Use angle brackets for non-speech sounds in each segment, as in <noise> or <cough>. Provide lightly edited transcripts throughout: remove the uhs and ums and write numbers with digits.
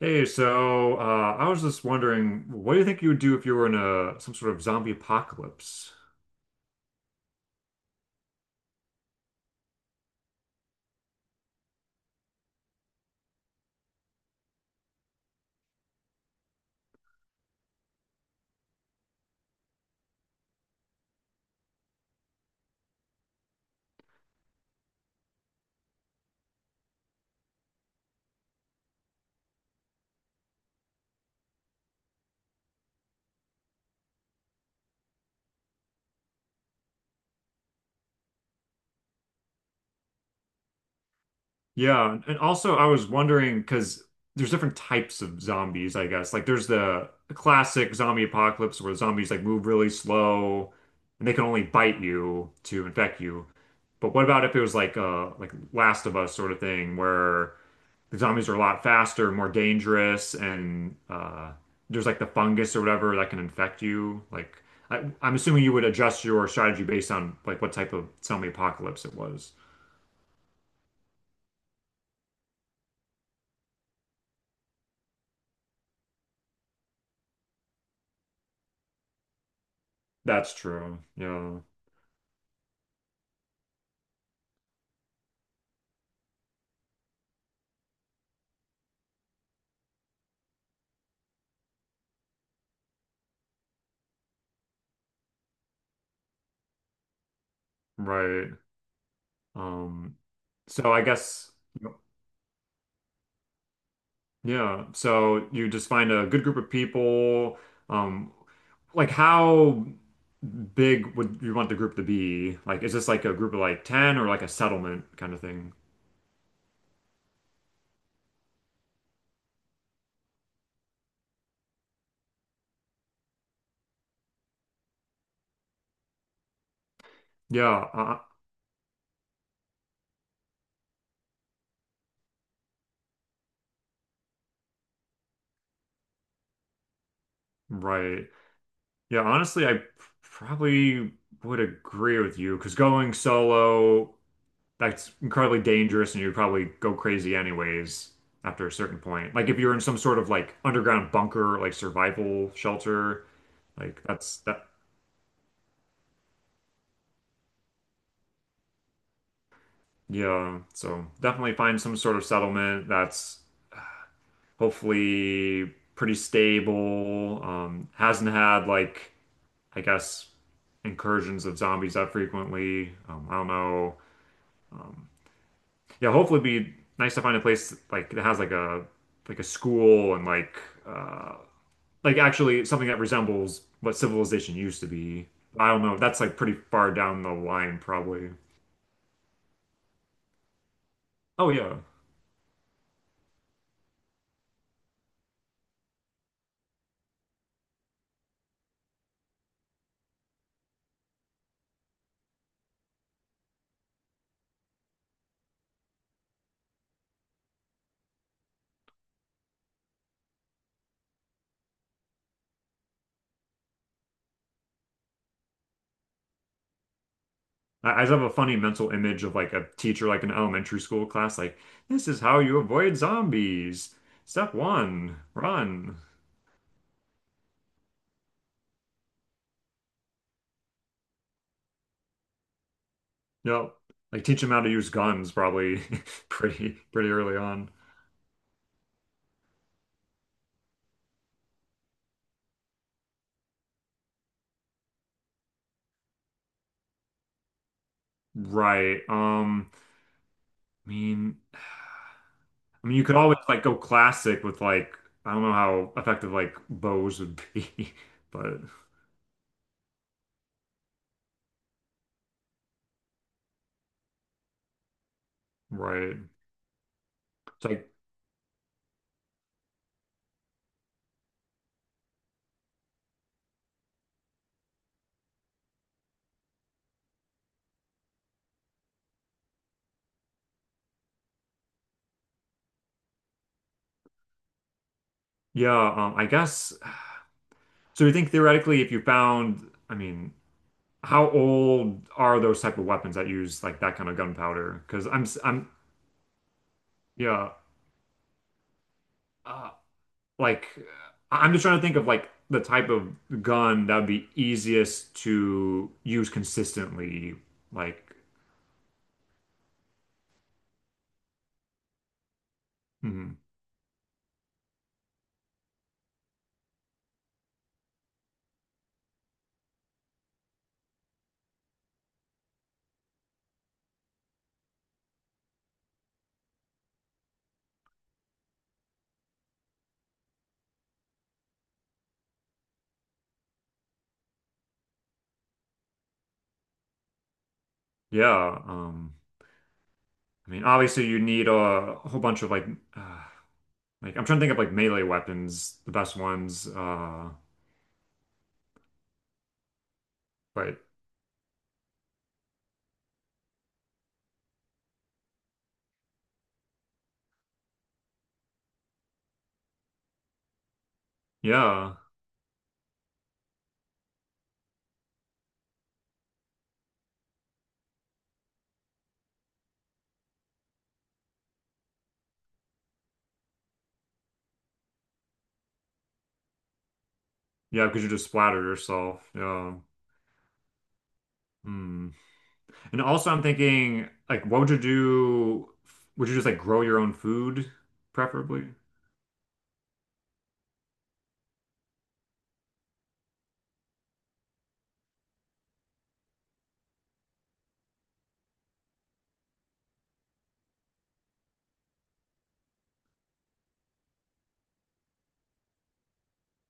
Hey, I was just wondering, what do you think you would do if you were in a some sort of zombie apocalypse? Yeah, and also I was wondering because there's different types of zombies, I guess. Like there's the classic zombie apocalypse where zombies like move really slow and they can only bite you to infect you. But what about if it was like Last of Us sort of thing where the zombies are a lot faster, more dangerous, and there's like the fungus or whatever that can infect you. Like I'm assuming you would adjust your strategy based on like what type of zombie apocalypse it was. That's true. Yeah. Right. Um, so I guess yeah. So you just find a good group of people. Um, like how big would you want the group to be? Like, is this like a group of like 10 or like a settlement kind of thing? Yeah, uh, right. Yeah, honestly, I probably would agree with you because going solo, that's incredibly dangerous and you'd probably go crazy anyways after a certain point. Like if you're in some sort of like underground bunker, like survival shelter, like that's that, yeah. So definitely find some sort of settlement that's hopefully pretty stable, hasn't had like, I guess, incursions of zombies that frequently. I don't know. Yeah, hopefully it'd be nice to find a place like that has like a school and uh like actually something that resembles what civilization used to be. I don't know. That's like pretty far down the line probably. Oh yeah. I just have a funny mental image of like a teacher like an elementary school class like this is how you avoid zombies. Step one, run. Yep. Like teach them how to use guns probably <laughs> pretty early on. Right. I mean, I mean, you could always like go classic with like I don't know how effective like bows would be, <laughs> but right. It's like yeah, I guess. So you think theoretically, if you found, I mean, how old are those type of weapons that use like that kind of gunpowder? Because I'm yeah, uh, like I'm just trying to think of like the type of gun that would be easiest to use consistently. Like mhm. yeah, um. I mean, obviously you need a whole bunch of uh, like I'm trying to think of like melee weapons, the best ones. But yeah, yeah, because you just splatter yourself. Yeah. Hmm. And also, I'm thinking like, what would you do? Would you just like grow your own food, preferably?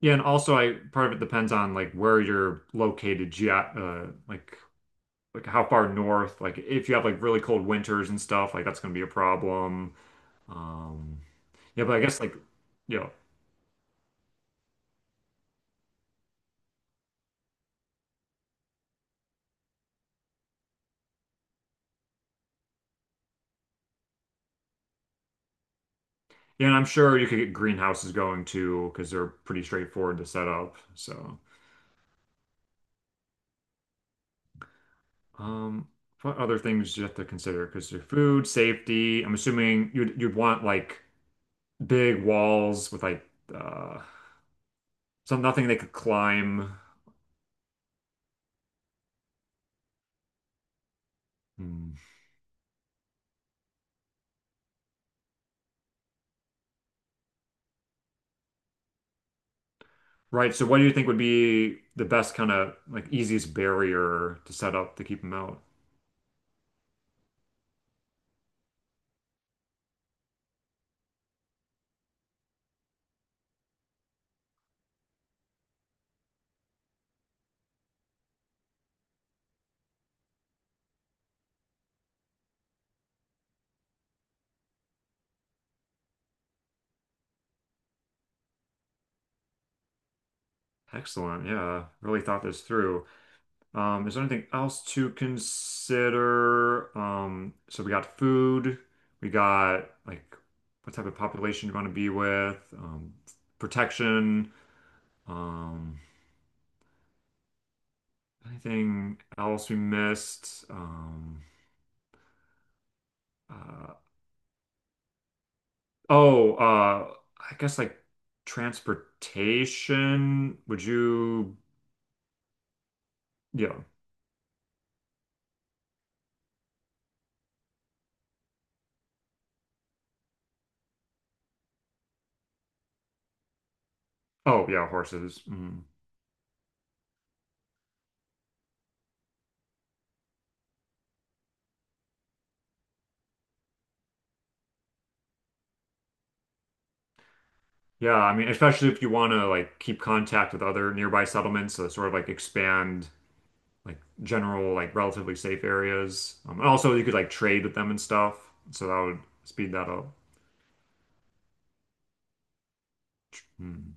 Yeah, and also, I part of it depends on like where you're located, ge like how far north. Like if you have like really cold winters and stuff, like that's gonna be a problem. Um, yeah, but I guess like. Yeah. Yeah, and I'm sure you could get greenhouses going too, because they're pretty straightforward to set up. So, um, what other things do you have to consider? Because your food, safety, I'm assuming you'd want like big walls with like uh some nothing they could climb. Hmm. Right. So what do you think would be the best kind of like easiest barrier to set up to keep them out? Excellent. Yeah. Really thought this through. Is there anything else to consider? So we got food, we got like what type of population you want to be with, protection, um, anything else we missed? Uh, oh, uh, I guess like transportation. Would you, yeah. Oh, yeah, horses. Mm. Yeah, I mean, especially if you want to like keep contact with other nearby settlements, so sort of like expand. Like general, like relatively safe areas. And also you could like trade with them and stuff, so that would speed that up. Hmm.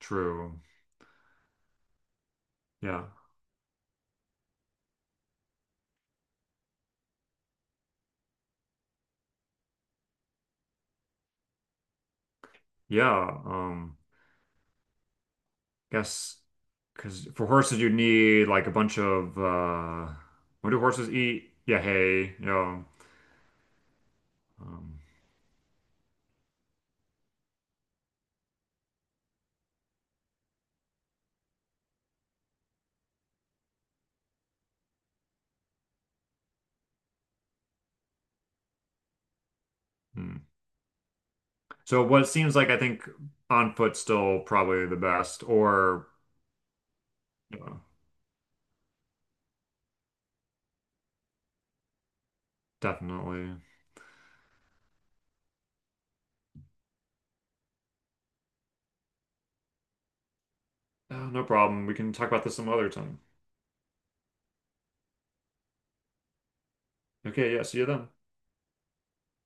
True. Yeah. Yeah. Guess because for horses you need like a bunch of what do horses eat? Yeah, hay. You know. Um, hmm. So what seems like I think on foot still probably the best, or yeah, definitely. Oh, no problem. We can talk about this some other time. Okay. Yeah. See you then.